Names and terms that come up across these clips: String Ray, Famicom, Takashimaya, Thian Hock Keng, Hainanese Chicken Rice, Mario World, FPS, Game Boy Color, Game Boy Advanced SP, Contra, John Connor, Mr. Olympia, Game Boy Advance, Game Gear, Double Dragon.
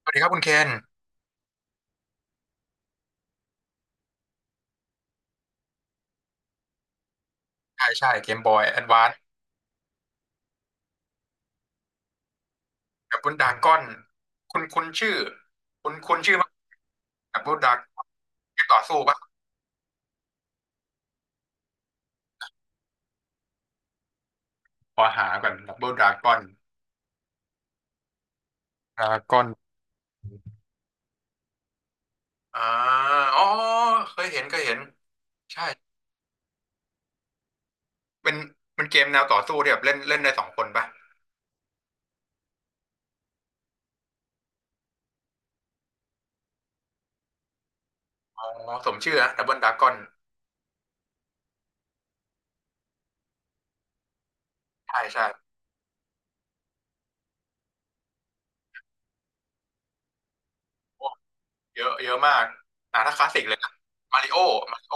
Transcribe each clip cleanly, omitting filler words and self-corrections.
สวัสดีครับคุณเคนใช่ใช่เกมบอยแอดวานซ์แบบบุนดากอนคุณชื่อคุณชื่อมั้ยแบบบุนดากเกมต่อสู้ปะขอหาก่อนดับบบุลดรากอนดรากอนอ่าอ๋อเคยเห็นเคยเห็นใช่เป็นเป็นเกมแนวต่อสู้ที่แบบเล่นเล่นได้สองคนปะอ๋อสมชื่อนะดับเบิลดรากอนใช่ใช่โอ้เยอะเยอะมากอ่าถ้าคลาสสิกเลยนะมาริโอมาริโอ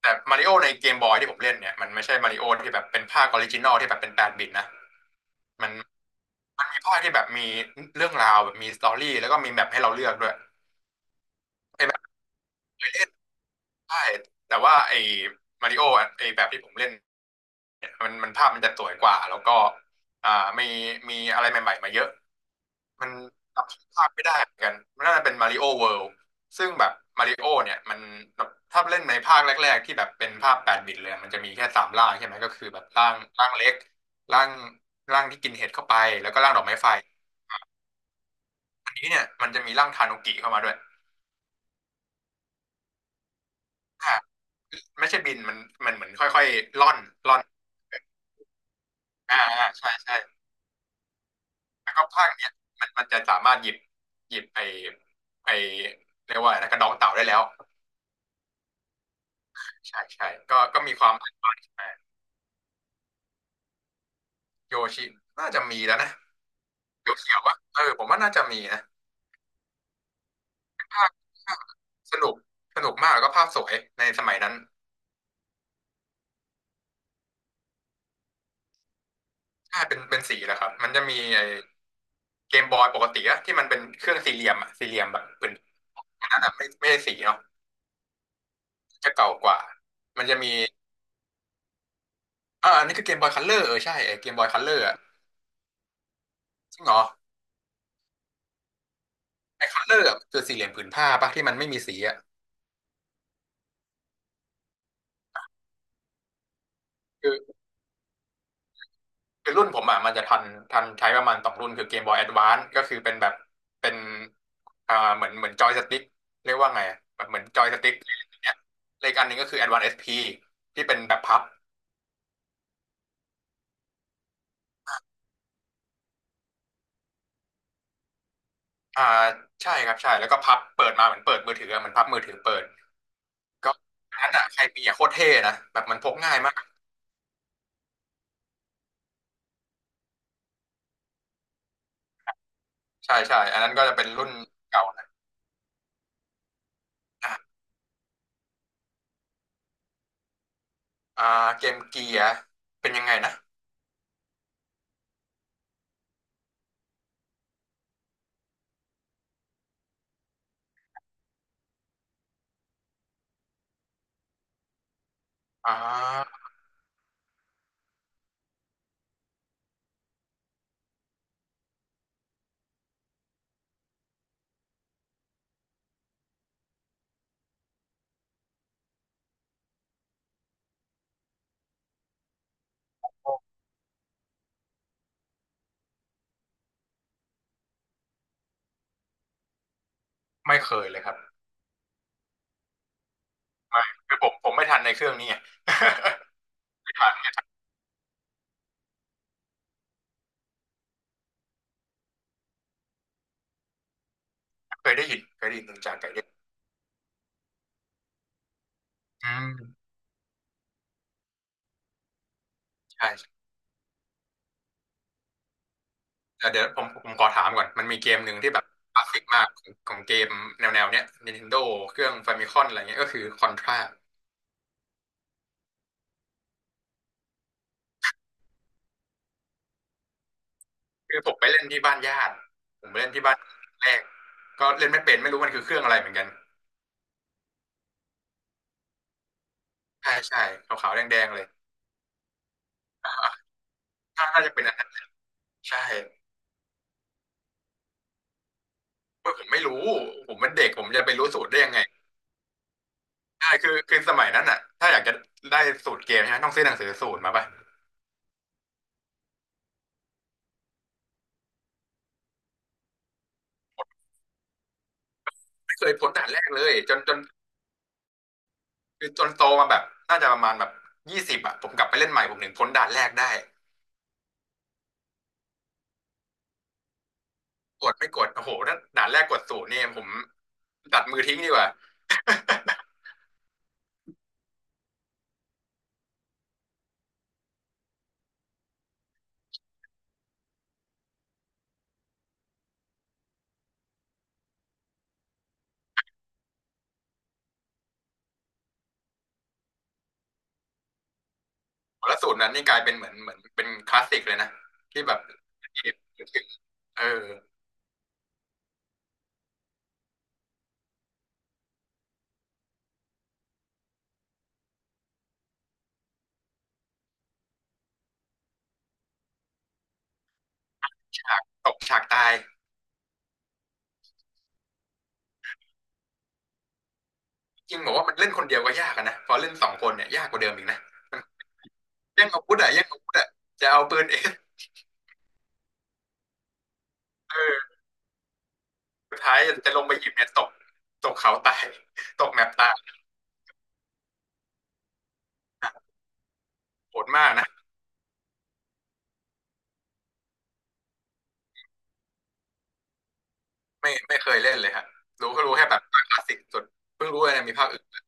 แต่มาริโอในเกมบอยที่ผมเล่นเนี่ยมันไม่ใช่มาริโอที่แบบเป็นภาคออริจินอลที่แบบเป็นแปดบิตนะมันมันมีภาคที่แบบมีเรื่องราวแบบมีสตอรี่แล้วก็มีแบบให้เราเลือกด้วยไอ้แบบเคยเล่นได้แต่ว่าไอ้มาริโออะไอ้แบบที่ผมเล่นเนี่ยมันภาพมันจะสวยกว่าแล้วก็อ่ามีมีอะไรใหม่ๆมาเยอะ มันจำชื่อภาคไม่ได้เหมือนกันมันน่าจะเป็นมาริโอเวิลด์ซึ่งแบบมาริโอเนี่ยมันบถ้าเล่นในภาคแรกๆที่แบบเป็นภาพแปดบิตเลยมันจะมีแค่3 ร่างใช่ไหมก็คือแบบร่างร่างเล็กร่างร่างที่กินเห็ดเข้าไปแล้วก็ร่างดอกไม้ไฟอันนี้เนี่ยมันจะมีร่างทานุกิเข้ามาด้วยอ่าไม่ใช่บินมันมันเหมือนค่อยๆล่อนล่อนอ่าอ่าใช่ใช่แล้วก็ภาคเนี้ยมันจะสามารถหยิบไอเรียกว่าอะไรนะกระดองเต่าได้แล้วใช่ใช่ก็มีความแตกต่าง โยชิน่าจะมีแล้วนะเขียวเขียวอะเออผมว่าน่าจะมีนะภาพภาพสนุก สนุกมากแล้วก็ภาพสวยในสมัยนั้นใช่เป็นเป็นสีแหล้ครับมันจะมีไอ้เกมบอยปกติอะที่มันเป็นเครื่องสี่เหลี่ยมอะสี่เหลี่ยมแบบเป็นอันนั้นอะไม่ไม่ใช่สีเนาะจะเก่ากว่ามันจะมีอ่าอันนี้คือเกมบอยคัลเลอร์เออใช่ไอ้เกมบอยคัลเลอร์อะจริงเหรอไอ้คัลเลอร์อะมันคือสี่เหลี่ยมผืนผ้าปะที่มันไม่มีสีอะ คือรุ่นผมอ่ะมันจะทันทันใช้ประมาณ2 รุ่นคือเกมบอยแอดวานซ์ก็คือเป็นแบบเป็นอ่าเหมือนจอยสติ๊กเรียกว่าไงอะแบบเหมือนจอยสติ๊กเนี่ยและอีกอันหนึ่งก็คือแอดวานซ์เอสพีที่เป็นแบบพับอ่าใช่ครับใช่แล้วก็พับเปิดมาเหมือนเปิดมือถืออะเหมือนพับมือถือเปิดก็อันนั้นอ่ะใครมีอ่ะโคตรเท่นะแบบมันพกง่ายมากใช่ใช่อันนั้นก็จะเป็นรุ่นเก่านะอ่ะอ่าเกมเกียร์เป็นยังไงนะอ่าไม่เคยเลยครับไม่คือผมไม่ทันในเครื่องนี้ไง เคยได้ยินเคยได้ยินนินจาไก่เด้งอืมใช่แต่เดี๋ยวผมขอถามก่อนมันมีเกมหนึ่งที่แบบคลาสสิกมากของของเกมแนวแนวเนี้ย Nintendo เครื่อง Famicom อะไรเงี้ยก็คือ Contra คือผมไปเล่นที่บ้านญาติผมไปเล่นที่บ้านแรกก็เล่นไม่เป็นไม่รู้มันคือเครื่องอะไรเหมือนกันใช่ใช่ขาวขาวแดงแดงๆเลยถ้าถ้าจะเป็นอันนั้นใช่เว้ยผมไม่รู้ผมเป็นเด็กผมจะไปรู้สูตรได้ยังไงใช่คือสมัยนั้นอ่ะถ้าอยากจะได้สูตรเกมใช่ไหมต้องซื้อหนังสือสูตรมาป่ะไม่เคยพ้นด่านแรกเลยจน คือจนโตมาแบบน่าจะประมาณแบบ20อะผมกลับไปเล่นใหม่ผมถึงพ้นด่านแรกได้กดไม่กดโอ้โหถ้าด่านแรกกดศูนย์เนี่ยผมตัดมือทิ้งดีกว่า แล้วสูนรนั้นนี่กลายเป็นเหมือนเหมือนเป็นคลาสสิกเลยนะที่แบบเออฉากตกฉากตายจริงบอกว่ามันเล่นคนเดียวก็ยากอะนะพอเล่นสองคนเนี่ยยากกว่าเดิมอีกนะมันแย่งอาวุธอะแย่งอาวุธอะจะเอาปืนเองเออสุดท้ายจะลงไปหยิบเนี่ยตกตกเขาตายตกแมปตายโหดมากนะ ไม่เคยเล่นเลยฮะรู้ก็รู้แค่แบบภาคคลาสสิกสุดเพิ่งรู้ว่านะมีภาคอื่น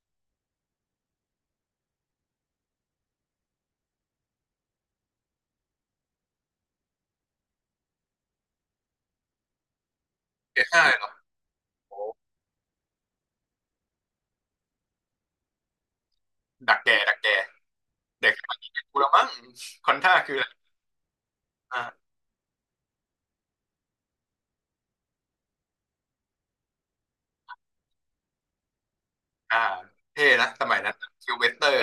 เอห้าเลยเหรอโอ้ดักแก่ดักแก่เด็กสมัยนี้กูละมั้งคอนท่าคืออะไรอ่าอ่าเท่นะสมัยนั้นซิลเวสเตอร์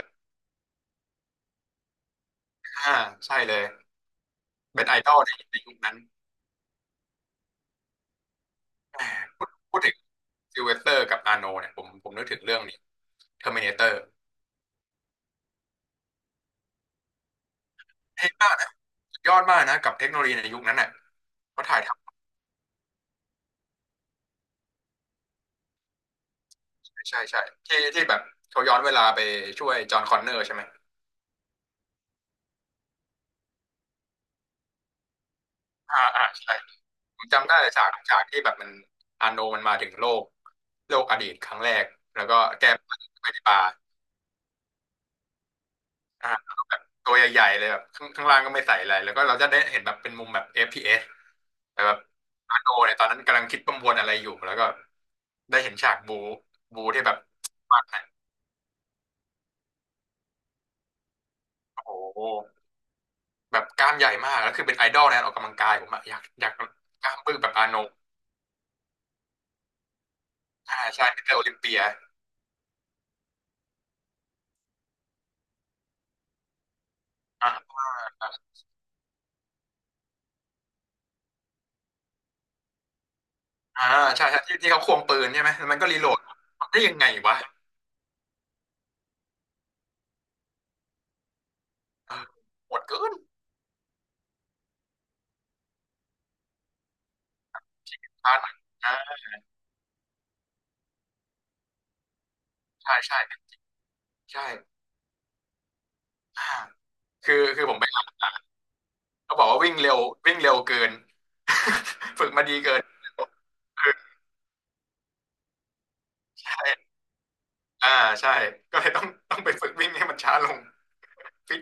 อ่าใช่เลยเป็นไอดอลในยุคนั้นแหมพูดถึงซิลเวสเตอร์กับอาโนเนี่ยผมนึกถึงเรื่องนี้เทอร์มินาเตอร์เท่มากนะสุดยอดมากนะกับเทคโนโลยีในยุคนั้นน่ะเขาถ่ายทำใช่ใช่ที่ที่แบบเขาย้อนเวลาไปช่วยจอห์นคอนเนอร์ใช่ไหมใช่ ผมจำได้ฉากฉากที่แบบมันอาโนมันมาถึงโลกโลกอดีตครั้งแรกแล้วก็แก้ผ้าไปในบาร์อ่ะตัวใหญ่ๆเลยแบบข้างข้างล่างก็ไม่ใส่อะไรแล้วก็เราจะได้เห็นแบบเป็นมุมแบบ FPS แต่แบบอาโนเนี่ยตอนนั้นกำลังคิดประมวลอะไรอยู่แล้วก็ได้เห็นฉากบูบูที่แบบมากนะโอ้โหแบบกล้ามใหญ่มากแล้วคือเป็นไอดอลในการออกกำลังกายผมอะอยากกล้ามบึ้งแบบอาโนอ่าใช่มิสเตอร์โอลิมเปียอ่ะ อ่าใช่ใช่ที่ที่เขาควงปืนใช่ไหมมันก็รีโหลดทำได้ยังไงวะเออโหดเกินช้าหน่อยอ่าใช่ใช่ใช่อ่าคือคือผมไปอ่านเขาบอกว่าวิ่งเร็ววิ่งเร็วเกิน ฝึกมาดีเกินเออใช่อ่าใช่ก็เลยต้องต้องไปฝึกวิ่งให้มันช้าลงฟิต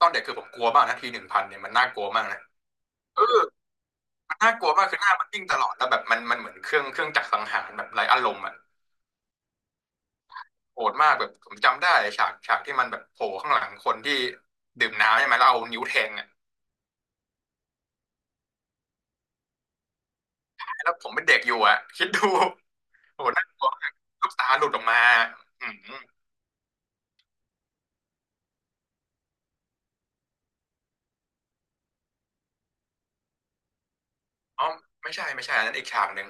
ตอนเด็กคือผมกลัวมากนะทีหนึ่งพันเนี่ยมันน่ากลัวมากนะเออมันน่ากลัวมากคือหน้ามันวิ่งตลอดแล้วแบบมันเหมือนเครื่องเครื่องจักรสังหารแบบไร้อารมณ์อะ โหดมากแบบผมจำได้ฉากฉากที่มันแบบโผล่ข้างหลังคนที่ดื่มน้ำใช่ไหมแล้วเอานิ้วแทงอ่ะแล้วผมเป็นเด็กอยู่อ่ะคิดดูโหน่ากลัวมากลูกตาหลุดออกมาอืมอ๋อไม่ใช่อันนั้นอีกฉากหนึ่ง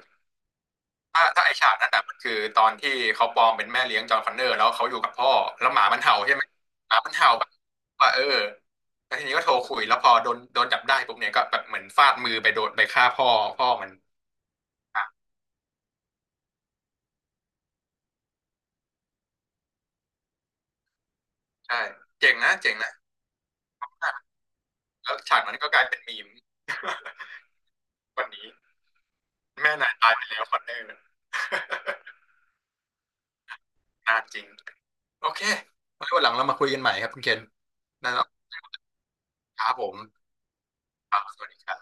ถ้าไอฉากนั้นอ่ะมันคือตอนที่เขาปลอมเป็นแม่เลี้ยงจอห์นคอนเนอร์แล้วเขาอยู่กับพ่อแล้วหมามันเห่าใช่ไหมหมามันเห่าแบบว่าเออแล้วทีนี้ก็โทรคุยแล้วพอโดนโดนจับได้ปุ๊บเนี่ยก็แบบเหมือนฟาดมือไปโดนไปฆ่าพ่อพ่อมันอ่ะใช่เจ๋งนะเจ๋งนะ แล้วฉากนั้นก็กลายเป็นมีม วันนี้แม่นายตายไปแล้วคอนเนอร์ นานจริงโอเคไว้วันหลังเรามาคุยกันใหม่ครับคุณเคนได้แล้วครับผมครับสวัสดีครับ